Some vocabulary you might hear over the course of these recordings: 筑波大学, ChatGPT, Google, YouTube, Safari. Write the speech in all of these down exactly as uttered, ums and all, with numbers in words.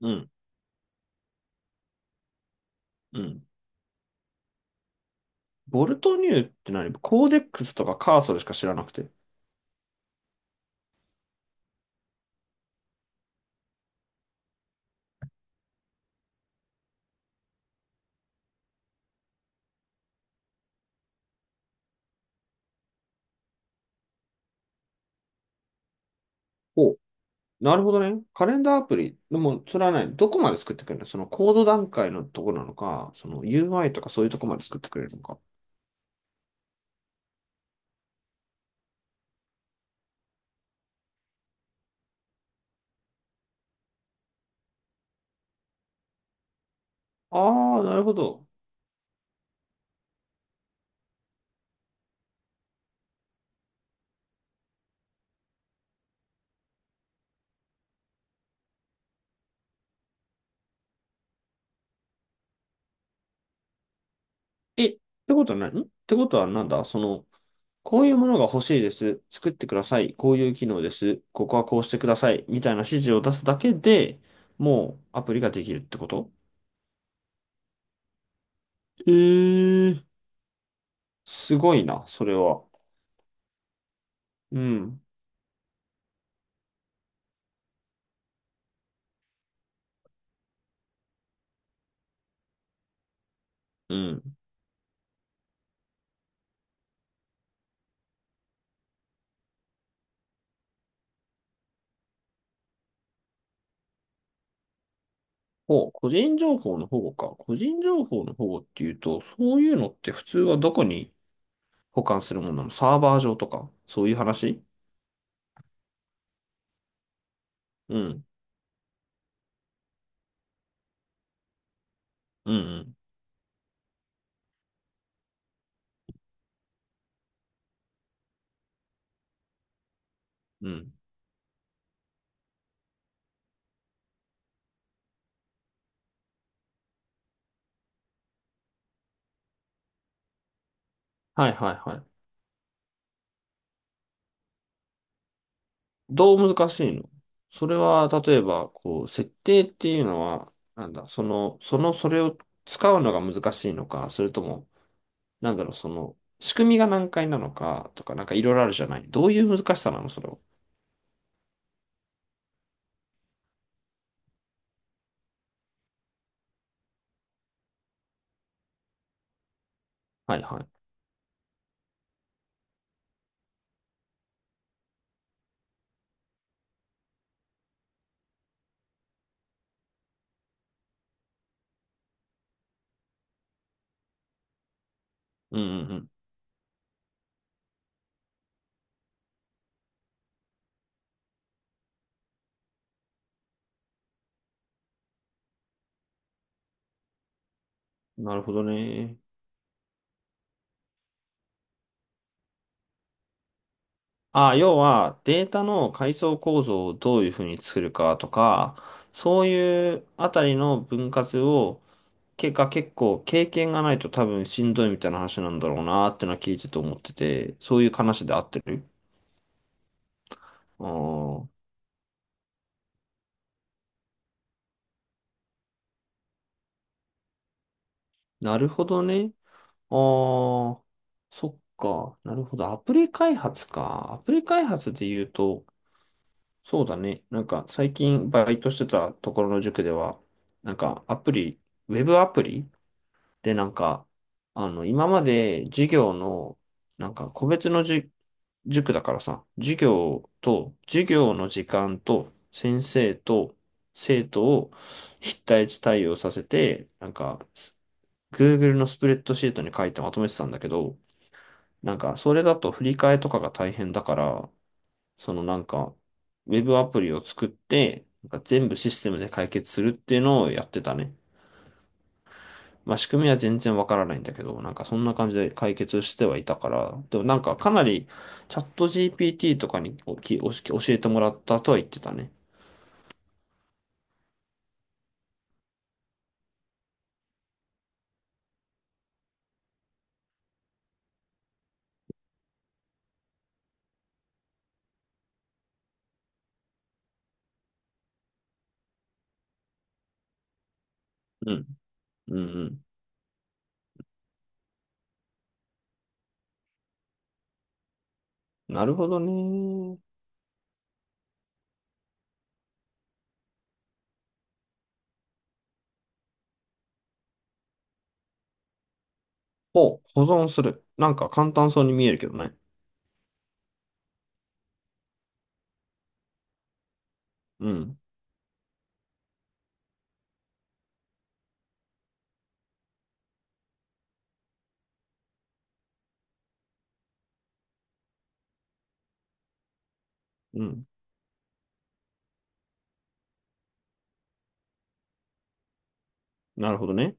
うん、うん。ボルトニューって何？コーデックスとかカーソルしか知らなくて。お、なるほどね。カレンダーアプリ。でも、それはね、どこまで作ってくれるの？そのコード段階のとこなのか、その ユーアイ とかそういうとこまで作ってくれるのか。ああ、なるほど。え、ってことは何んってことはなんだその、こういうものが欲しいです。作ってください。こういう機能です。ここはこうしてください。みたいな指示を出すだけで、もうアプリができるってこと？えー、すごいな、それは。うん。うん。ほ個人情報の保護か。個人情報の保護っていうと、そういうのって普通はどこに保管するものなの？サーバー上とかそういう話？うん。うん、うん、うん。はいはいはい。どう難しいのそれは？例えば、こう、設定っていうのは、なんだ、その、その、それを使うのが難しいのか、それとも、なんだろう、その、仕組みが難解なのか、とか、なんかいろいろあるじゃない。どういう難しさなのそれは？はいはい。うん、うん、うん。なるほどね。あ、要はデータの階層構造をどういうふうに作るかとか、そういうあたりの分割を、結果結構経験がないと多分しんどいみたいな話なんだろうなーってのは聞いてて思ってて、そういう話で合ってる？あー、なるほどね。あー、そっか。なるほど。アプリ開発か。アプリ開発で言うと、そうだね。なんか最近バイトしてたところの塾では、なんかアプリ、ウェブアプリで、なんか、あの、今まで授業の、なんか、個別のじ、塾だからさ、授業と、授業の時間と、先生と、生徒を一対一対応させて、なんか、す Google のスプレッドシートに書いてまとめてたんだけど、なんか、それだと振り替えとかが大変だから、そのなんか、ウェブアプリを作って、なんか全部システムで解決するっていうのをやってたね。まあ仕組みは全然わからないんだけど、なんかそんな感じで解決してはいたから、でもなんかかなりチャット ジーピーティー とかにおきおし教えてもらったとは言ってたね。うん。うんうん。なるほどね。ほう、保存する。なんか簡単そうに見えるけどね。うん。うん。なるほどね。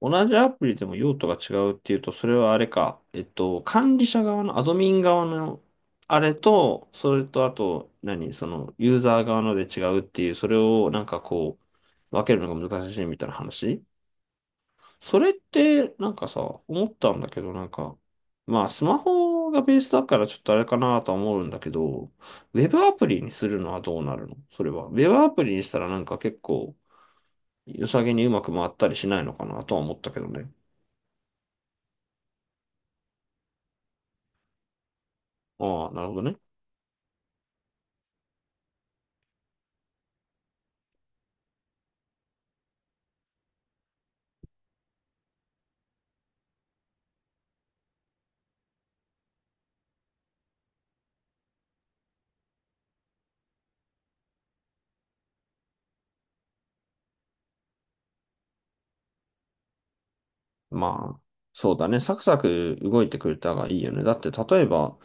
同じアプリでも用途が違うっていうと、それはあれか、えっと、管理者側の、アドミン側の、あれと、それと、あと、何、その、ユーザー側ので違うっていう、それをなんかこう、分けるのが難しいみたいな話？それって、なんかさ、思ったんだけど、なんか、まあ、スマホがベースだからちょっとあれかなとは思うんだけど、ウェブアプリにするのはどうなるのそれは？ウェブアプリにしたらなんか結構、良さげにうまく回ったりしないのかなとは思ったけどね。ああ、なるほどね。まあ、そうだね。サクサク動いてくれたがいいよね。だって、例えば、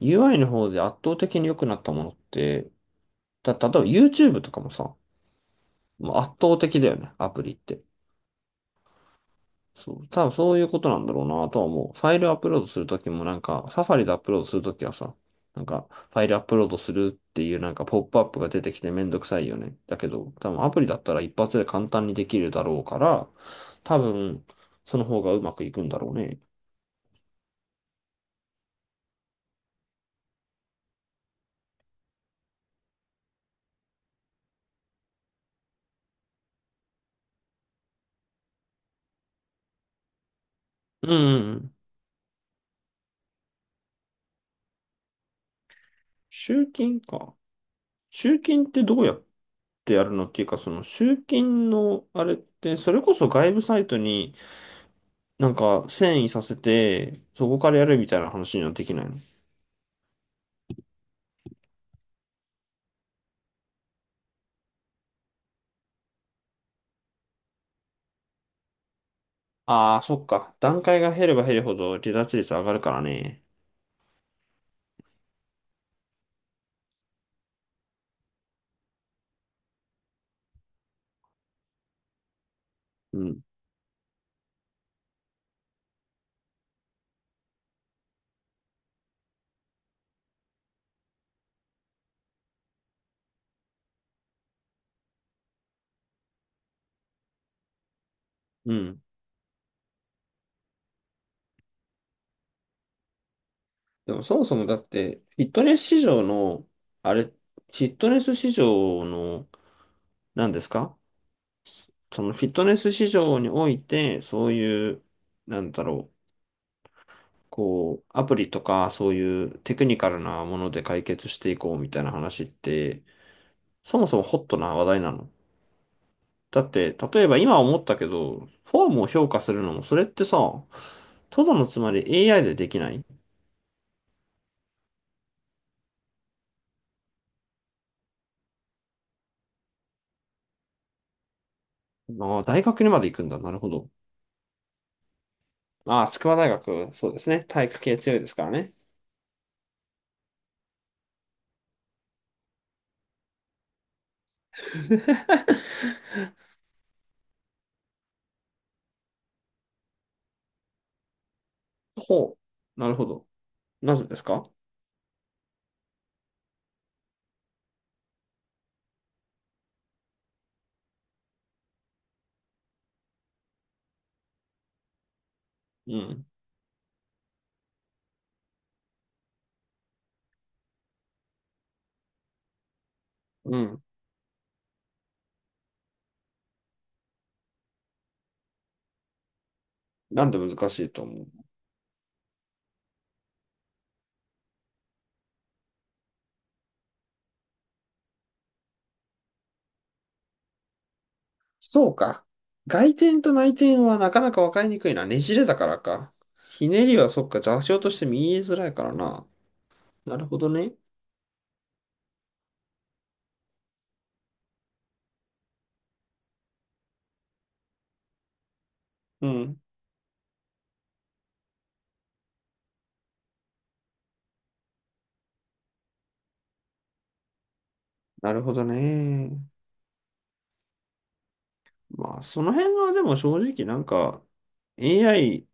ユーアイ の方で圧倒的に良くなったものって、た、例えば YouTube とかもさ、もう圧倒的だよね。アプリって。そう、多分そういうことなんだろうなとは思う。ファイルアップロードするときもなんか、サファリでアップロードするときはさ、なんか、ファイルアップロードするっていうなんかポップアップが出てきてめんどくさいよね。だけど、多分アプリだったら一発で簡単にできるだろうから、多分、その方がうまくいくんだろうね。うんうんうん。集金か。集金ってどうやってやるのっていうか、その集金のあれって、それこそ外部サイトになんか遷移させて、そこからやるみたいな話にはできないの？ああー、そっか。段階が減れば減るほど離脱率上がるからね。うん。うん。でもそもそもだって、フィットネス市場の、あれ、フィットネス市場の、何ですか？そのフィットネス市場において、そういう、なんだろう。こう、アプリとかそういうテクニカルなもので解決していこうみたいな話って、そもそもホットな話題なの？だって、例えば今思ったけど、フォームを評価するのも、それってさ、とどのつまり エーアイ でできない？ああ、大学にまで行くんだ。なるほど。ああ、筑波大学、そうですね。体育系強いですからね。ほう。なるほど。なぜですか？うん。うん。なんで難しいと思う？そうか。外転と内転はなかなか分かりにくいな。ねじれだからか。ひねりはそっか、座標として見えづらいからな。なるほどね。うん。なるほどね。まあ、その辺はでも正直なんか エーアイ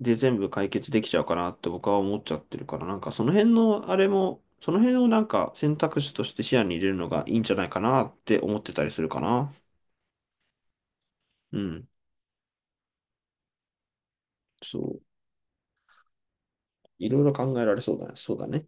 で全部解決できちゃうかなって僕は思っちゃってるから、なんかその辺のあれも、その辺をなんか選択肢として視野に入れるのがいいんじゃないかなって思ってたりするかな。うん。そう。いろいろ考えられそうだね。そうだね。